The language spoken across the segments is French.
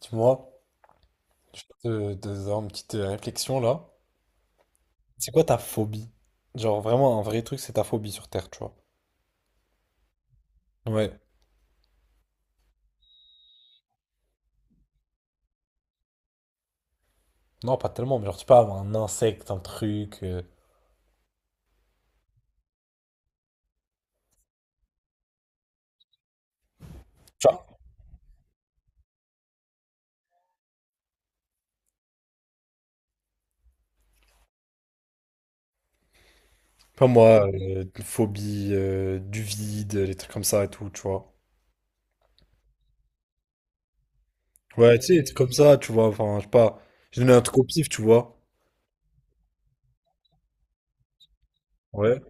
Dis-moi, je vais te faire une petite réflexion là. C'est quoi ta phobie? Genre vraiment un vrai truc, c'est ta phobie sur Terre, tu vois. Ouais. Non, pas tellement, mais genre tu peux avoir un insecte, un truc, tu vois. Pas moi, une phobie du vide, les trucs comme ça et tout, tu vois. Ouais, tu sais, des trucs comme ça, tu vois. Enfin, je sais pas. J'ai donné un truc au pif, tu vois. Ouais.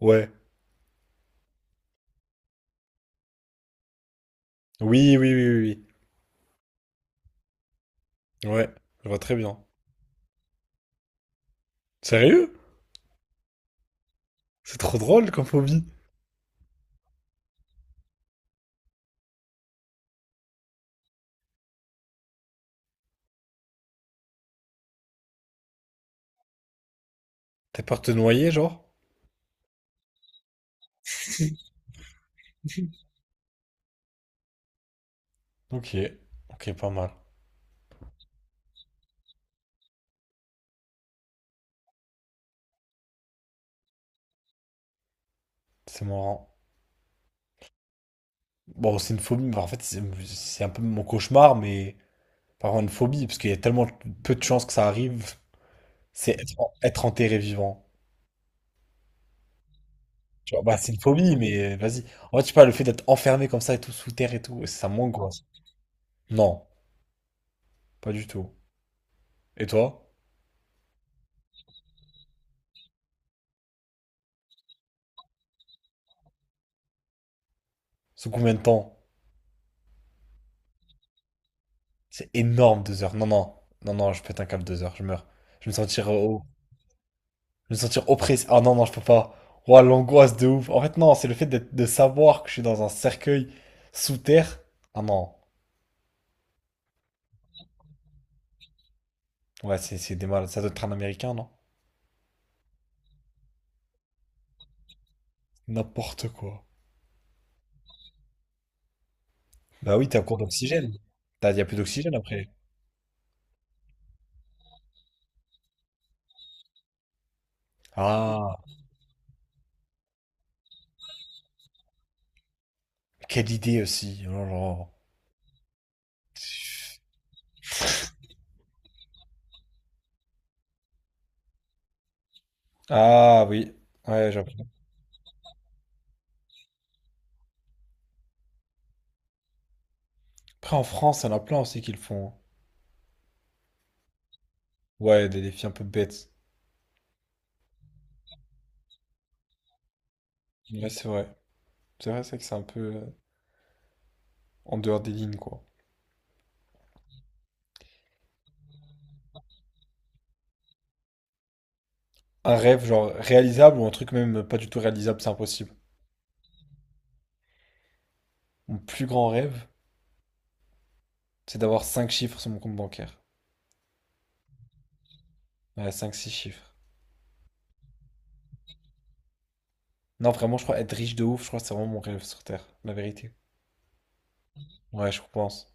Ouais. Oui, oui, oui, oui. Oui. Ouais, je vois très bien. Sérieux? C'est trop drôle comme phobie. T'as peur de te noyer, genre? Ok. Ok, pas mal. C'est marrant. Bon, c'est une phobie, mais en fait, c'est un peu mon cauchemar, mais pas vraiment une phobie, parce qu'il y a tellement peu de chances que ça arrive. C'est être enterré vivant. Tu vois, bah, c'est une phobie, mais vas-y. En fait, je sais pas, le fait d'être enfermé comme ça et tout sous terre et tout, ça m'angoisse. Non, pas du tout. Et toi? Sous combien de temps? C'est énorme, 2 heures. Non, non, non, non, je pète un câble 2 heures, je meurs. Je vais me sentir, oh, je vais me sentir oppressé. Ah non, non, je peux pas. Ouah, l'angoisse de ouf. En fait, non, c'est le fait de savoir que je suis dans un cercueil sous terre. Ah non. Ouais, c'est des malades. Ça doit être un Américain, non? N'importe quoi. Bah oui, t'es en cours d'oxygène. Y a plus d'oxygène après. Ah, quelle idée aussi. Oh là là. Ah oui, ouais, j'ai appris. Après, en France, il y en a plein aussi qui le font, hein. Ouais, des défis un peu bêtes. Ouais, c'est vrai. C'est vrai, c'est vrai que c'est un peu en dehors des lignes, quoi. Un rêve, genre réalisable ou un truc même pas du tout réalisable, c'est impossible. Mon plus grand rêve, c'est d'avoir 5 chiffres sur mon compte bancaire. Ouais, 5-6 chiffres. Non, vraiment, je crois être riche de ouf, je crois que c'est vraiment mon rêve sur Terre, la vérité. Ouais, je pense.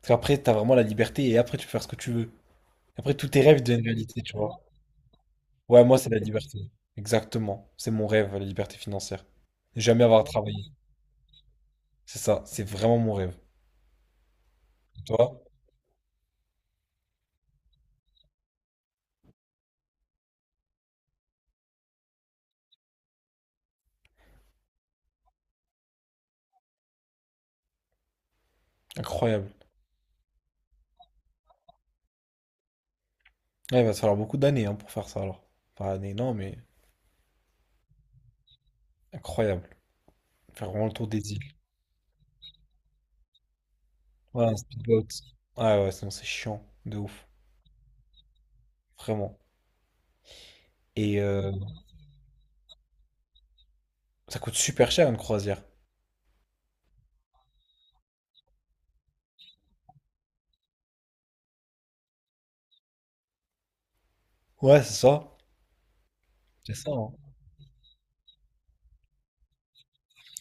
Parce qu'après, t'as vraiment la liberté et après, tu peux faire ce que tu veux. Après, tous tes rêves deviennent réalité, tu vois. Ouais, moi, c'est la liberté. Exactement. C'est mon rêve, la liberté financière. Ne jamais avoir à travailler. C'est ça, c'est vraiment mon rêve. Et toi? Incroyable. Ouais, il va te falloir beaucoup d'années, hein, pour faire ça alors. Pas années, non, mais incroyable. Faire vraiment le tour des îles. Ouais, un speedboat. Ouais, ouais, sinon c'est chiant. De ouf. Vraiment. Et ça coûte super cher une croisière. Ouais, c'est ça. C'est ça, hein.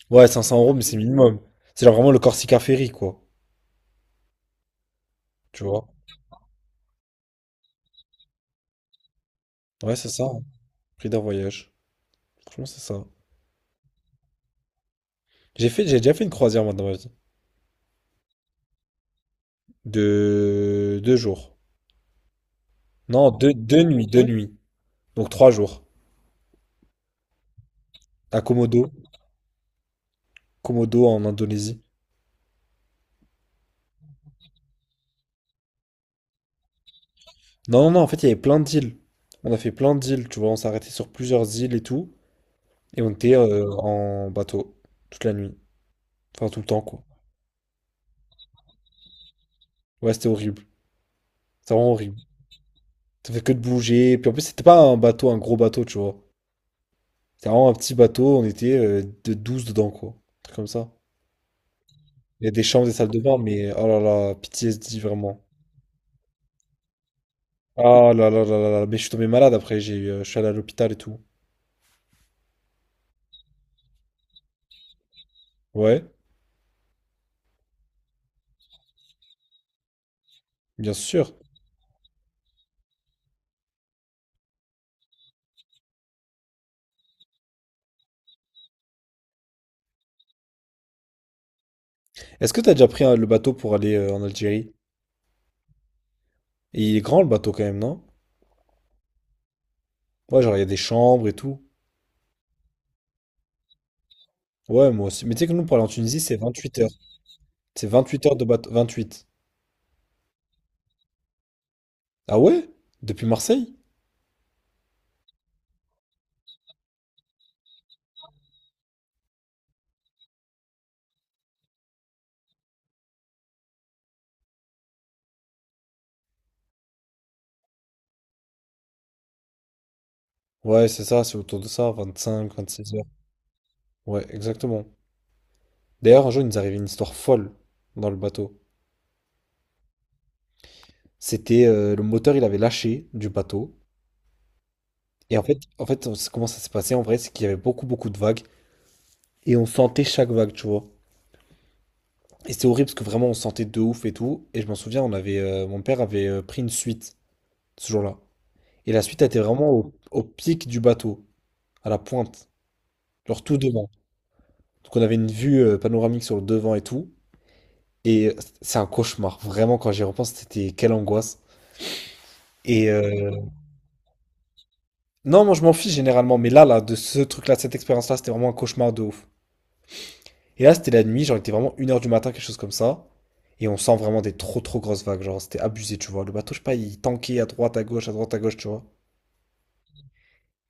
Ouais, 500 euros, mais c'est minimum. C'est genre vraiment le Corsica Ferry, quoi. Tu vois? Ouais, c'est ça, hein. Prix d'un voyage. Franchement, c'est ça. J'ai déjà fait une croisière, moi, dans ma vie. De 2 jours. Non, 2 nuits, 2 nuits. Donc 3 jours. À Komodo. Komodo, en Indonésie. Non, non, non, en fait, il y avait plein d'îles. On a fait plein d'îles, tu vois. On s'est arrêté sur plusieurs îles et tout. Et on était en bateau. Toute la nuit. Enfin, tout le temps, quoi. Ouais, c'était horrible. C'était vraiment horrible. Ça fait que de bouger. Puis en plus, c'était pas un bateau, un gros bateau, tu vois. C'était vraiment un petit bateau, on était de 12 dedans, quoi. Un truc comme ça. Il y a des chambres, des salles de bain, mais oh là là, PTSD vraiment. Ah là là là là là, mais je suis tombé malade après, je suis allé à l'hôpital et tout. Ouais, bien sûr. Est-ce que t'as déjà pris le bateau pour aller en Algérie? Et il est grand le bateau quand même, non? Ouais, genre il y a des chambres et tout. Ouais, moi aussi. Mais tu sais que nous, pour aller en Tunisie, c'est 28 heures. C'est 28 heures de bateau. 28. Ah ouais? Depuis Marseille? Ouais, c'est ça, c'est autour de ça, 25, 26 heures. Ouais, exactement. D'ailleurs, un jour, il nous arrivait une histoire folle dans le bateau. C'était le moteur, il avait lâché du bateau. Et en fait, comment ça s'est passé en vrai, c'est qu'il y avait beaucoup, beaucoup de vagues. Et on sentait chaque vague, tu vois. Et c'était horrible parce que vraiment, on sentait de ouf et tout. Et je m'en souviens, mon père avait pris une suite ce jour-là. Et la suite a été vraiment au pic du bateau, à la pointe, genre tout devant. Donc on avait une vue panoramique sur le devant et tout. Et c'est un cauchemar, vraiment, quand j'y repense, c'était quelle angoisse. Et non, moi je m'en fiche généralement, mais là, de ce truc-là, de cette expérience-là, c'était vraiment un cauchemar de ouf. Et là, c'était la nuit, genre il était vraiment 1 heure du matin, quelque chose comme ça. Et on sent vraiment des trop trop grosses vagues, genre c'était abusé, tu vois. Le bateau, je sais pas, il tankait à droite, à gauche, à droite, à gauche, tu vois.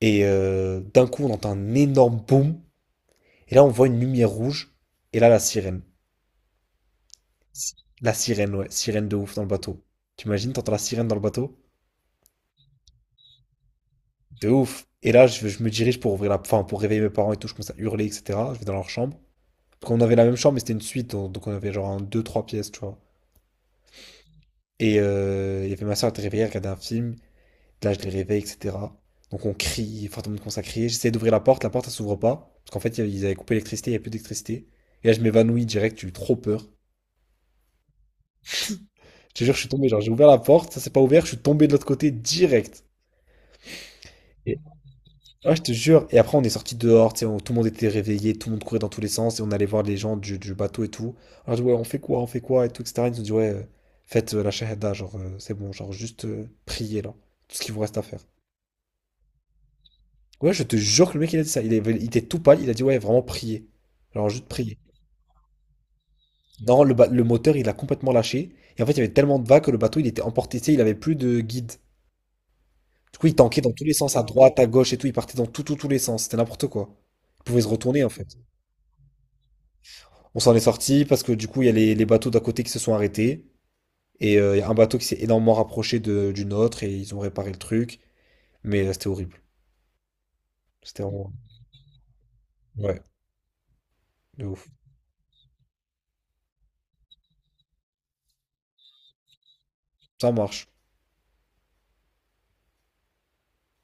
Et d'un coup, on entend un énorme boom. Et là, on voit une lumière rouge. Et là, la sirène. La sirène, ouais, sirène de ouf dans le bateau. T'imagines, t'entends la sirène dans le bateau? De ouf. Et là, je me dirige pour enfin, pour réveiller mes parents et tout, je commence à hurler, etc. Je vais dans leur chambre. Parce qu'on avait la même chambre, mais c'était une suite, donc on avait genre un, deux, trois pièces, tu vois. Et il y avait ma soeur qui était réveillée, elle regardait un film. Là, je les réveille, etc. Donc on crie, enfin, tout le monde commence à crier. J'essaie d'ouvrir la porte, elle s'ouvre pas. Parce qu'en fait, ils avaient coupé l'électricité, il n'y avait plus d'électricité. Et là, je m'évanouis direct, j'ai eu trop peur. Je te jure, je suis tombé, genre, j'ai ouvert la porte, ça s'est pas ouvert, je suis tombé de l'autre côté direct. Ouais, je te jure. Et après, on est sorti dehors, tu sais, tout le monde était réveillé, tout le monde courait dans tous les sens, et on allait voir les gens du bateau et tout. On leur dit, ouais, on fait quoi, et tout, et cetera. Ils nous ont dit, ouais, faites la shahada, genre, c'est bon, genre, juste priez, là, tout ce qu'il vous reste à faire. Ouais, je te jure que le mec, il a dit ça. Il était tout pâle, il a dit, ouais, vraiment priez. Genre, juste priez. Non, le moteur, il a complètement lâché. Et en fait, il y avait tellement de vagues que le bateau, il était emporté, tu sais, il avait plus de guide. Du coup, il tanquait dans tous les sens, à droite, à gauche et tout, il partait dans tous les sens. C'était n'importe quoi. Il pouvait se retourner, en fait. On s'en est sorti parce que du coup, il y a les bateaux d'à côté qui se sont arrêtés. Et il y a un bateau qui s'est énormément rapproché d'une autre et ils ont réparé le truc. Mais c'était horrible. C'était vraiment. Ouais, de ouf. Ça marche.